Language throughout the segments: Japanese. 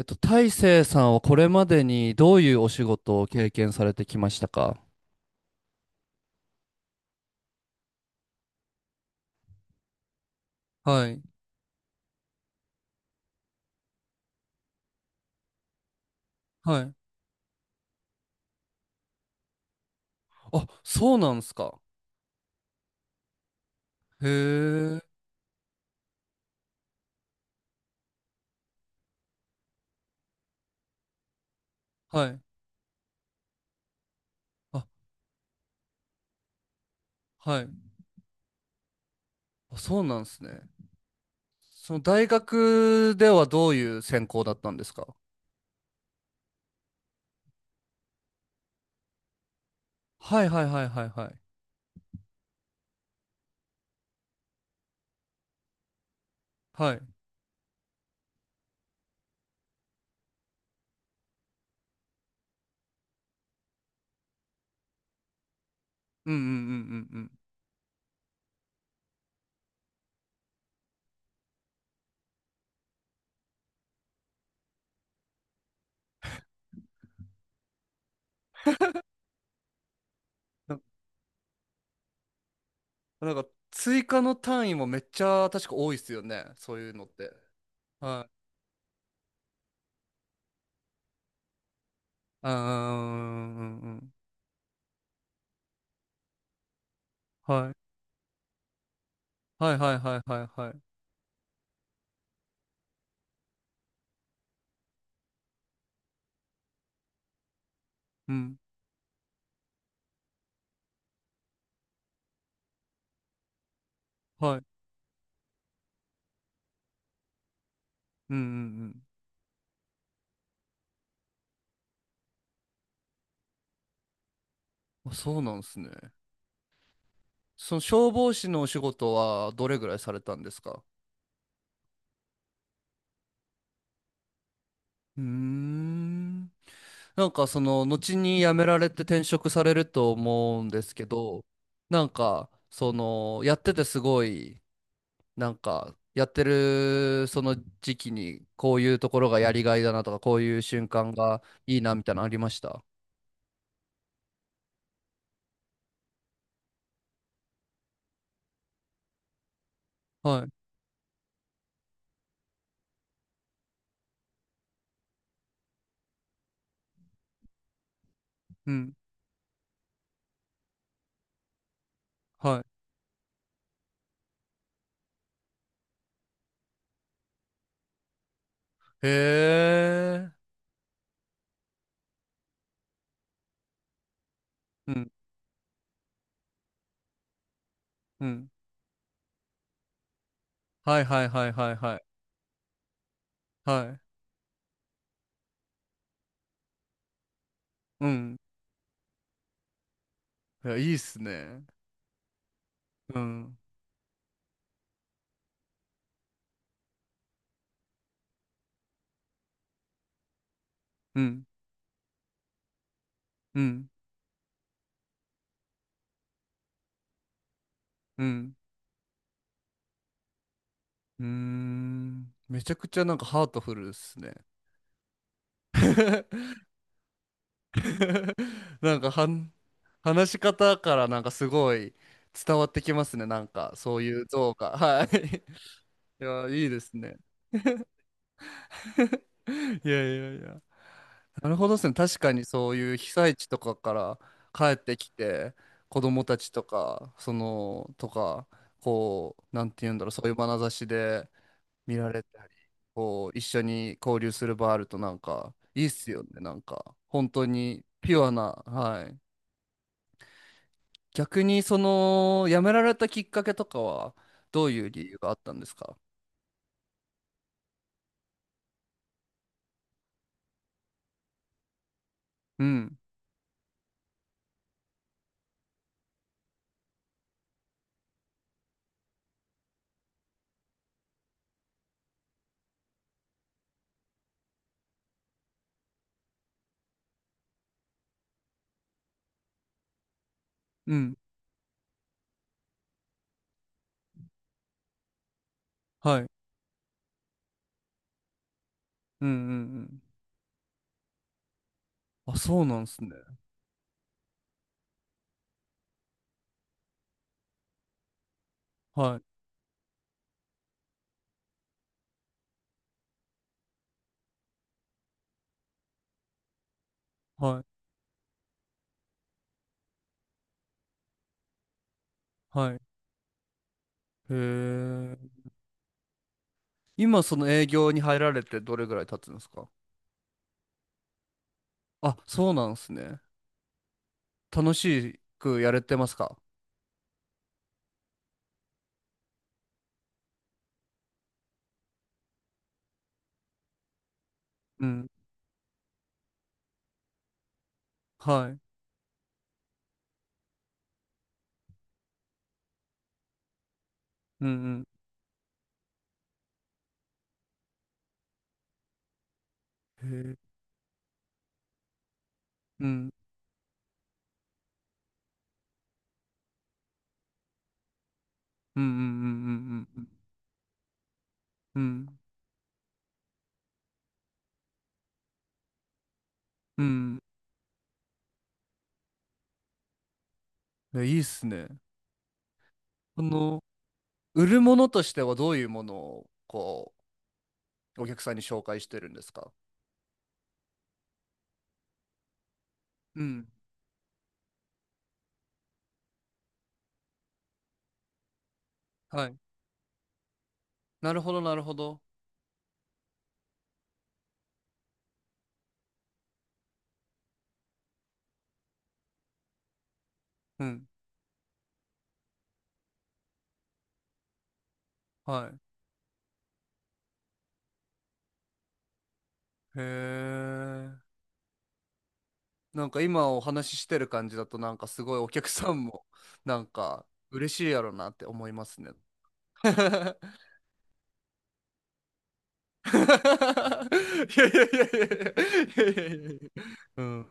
大成さんはこれまでにどういうお仕事を経験されてきましたか？はい、はい。あ、そうなんですか。へえ、はい。あ、はい。あ、そうなんですね。その大学ではどういう専攻だったんですか？はいはいはいはいはい。はい。うんうんうんうんうん。な、なんか追加の単位もめっちゃ確か多いっすよね。そういうのって。はい。あーうんうんうんうん。はい。はいはいはいはいはい。うん。はいうんうんうん。あ、そうなんですね。その消防士のお仕事はどれぐらいされたんですか？うーん。なんかその後に辞められて転職されると思うんですけど、なんかそのやっててすごい、なんかやってるその時期にこういうところがやりがいだなとか、こういう瞬間がいいなみたいなのありました？はい。うん。はい。へえ。うん。うん。はいはいはいはいはい。はい。うん。いや、いいっすね。うん。うん。うん。うん。うーん。めちゃくちゃなんかハートフルっすね。なんか話し方からなんかすごい伝わってきますね。なんかそういう像が。はい。いや、いいですね。いやいやいや。なるほどですね。確かにそういう被災地とかから帰ってきて、子供たちとか、その、とか、こう、なんて言うんだろう、そういう眼差しで、見られたり、こう、一緒に交流する場あるとなんか、いいっすよね、なんか、本当にピュアな、はい。逆に、その、辞められたきっかけとかは、どういう理由があったんですか？うん、うん、はい、うん、うん、うん。あ、そうなんですね。はい、はい、はい。へえ。今、その営業に入られてどれぐらい経つんですか？あ、そうなんですね。楽しくやれてますか？うん、はい、うん、うん。へえ、うん。うんうんうんうんうんうん。うん。いやいいっすね。この、売るものとしてはどういうものを、こう、お客さんに紹介してるんですか？うん。はい。なるほど、なるほど。うん。はい。へえ。なんか今お話ししてる感じだと、なんかすごいお客さんも、なんか、嬉しいやろなって思いますね。いやいやいやいやいやいやいやいやいやいや、うん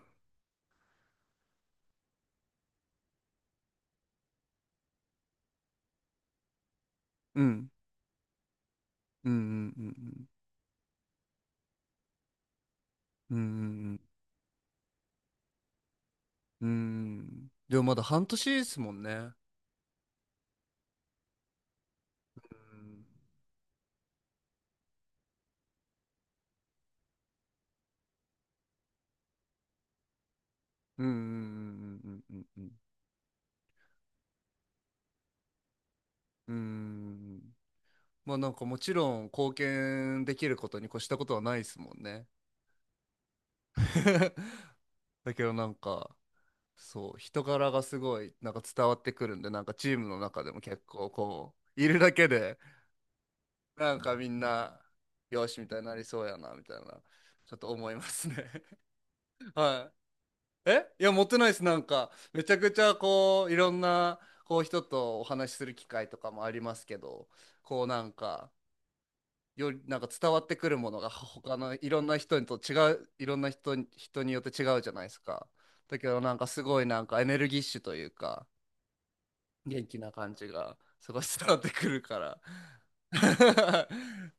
うんうんうんうんうんうんうんうん。うーん。でもまだ半年ですもんね。うんうんうんうんうんうんうん。うん。まあなんかもちろん貢献できることに越したことはないですもんね。だけどなんか、そう人柄がすごいなんか伝わってくるんで、なんかチームの中でも結構こういるだけでなんかみんなよしみたいになりそうやなみたいな、ちょっと思いますね。はい。いや、持ってないです。なんか、めちゃくちゃ、こう、いろんな、こう、人とお話しする機会とかもありますけど、こう、なんか、より、なんか伝わってくるものが、他のいろんな人と違う、いろんな人に、人によって違うじゃないですか。だけど、なんか、すごい、なんか、エネルギッシュというか、元気な感じが、すごい伝わってくるから。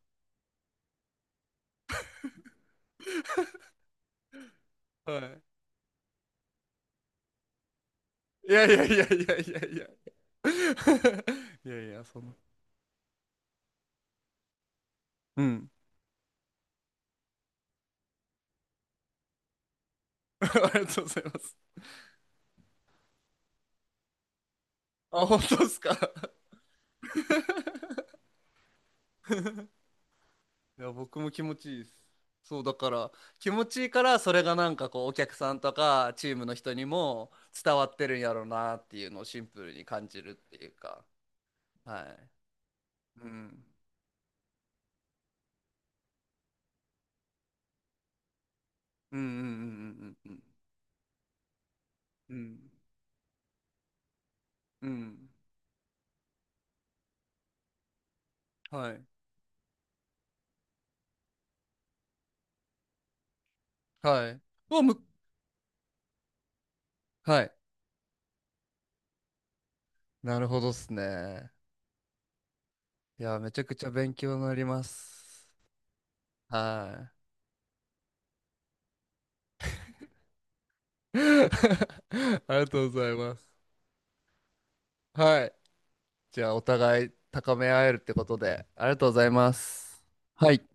はい。いやいやいやいやいやいや。いやいや、その。うん。ありがとうございます。あ、本当ですか？いや、僕も気持ちいいです。そう、だから、気持ちいいから、それがなんかこう、お客さんとか、チームの人にも伝わってるんやろうなっていうのをシンプルに感じるっていうか、はい。うん。うんうんうんうんうんうん。うん。うんはい。はい。うわ、はい。なるほどっすね。いや、めちゃくちゃ勉強になります。はい。ありがとうございます。はい。じゃあ、お互い高め合えるってことで、ありがとうございます。はい。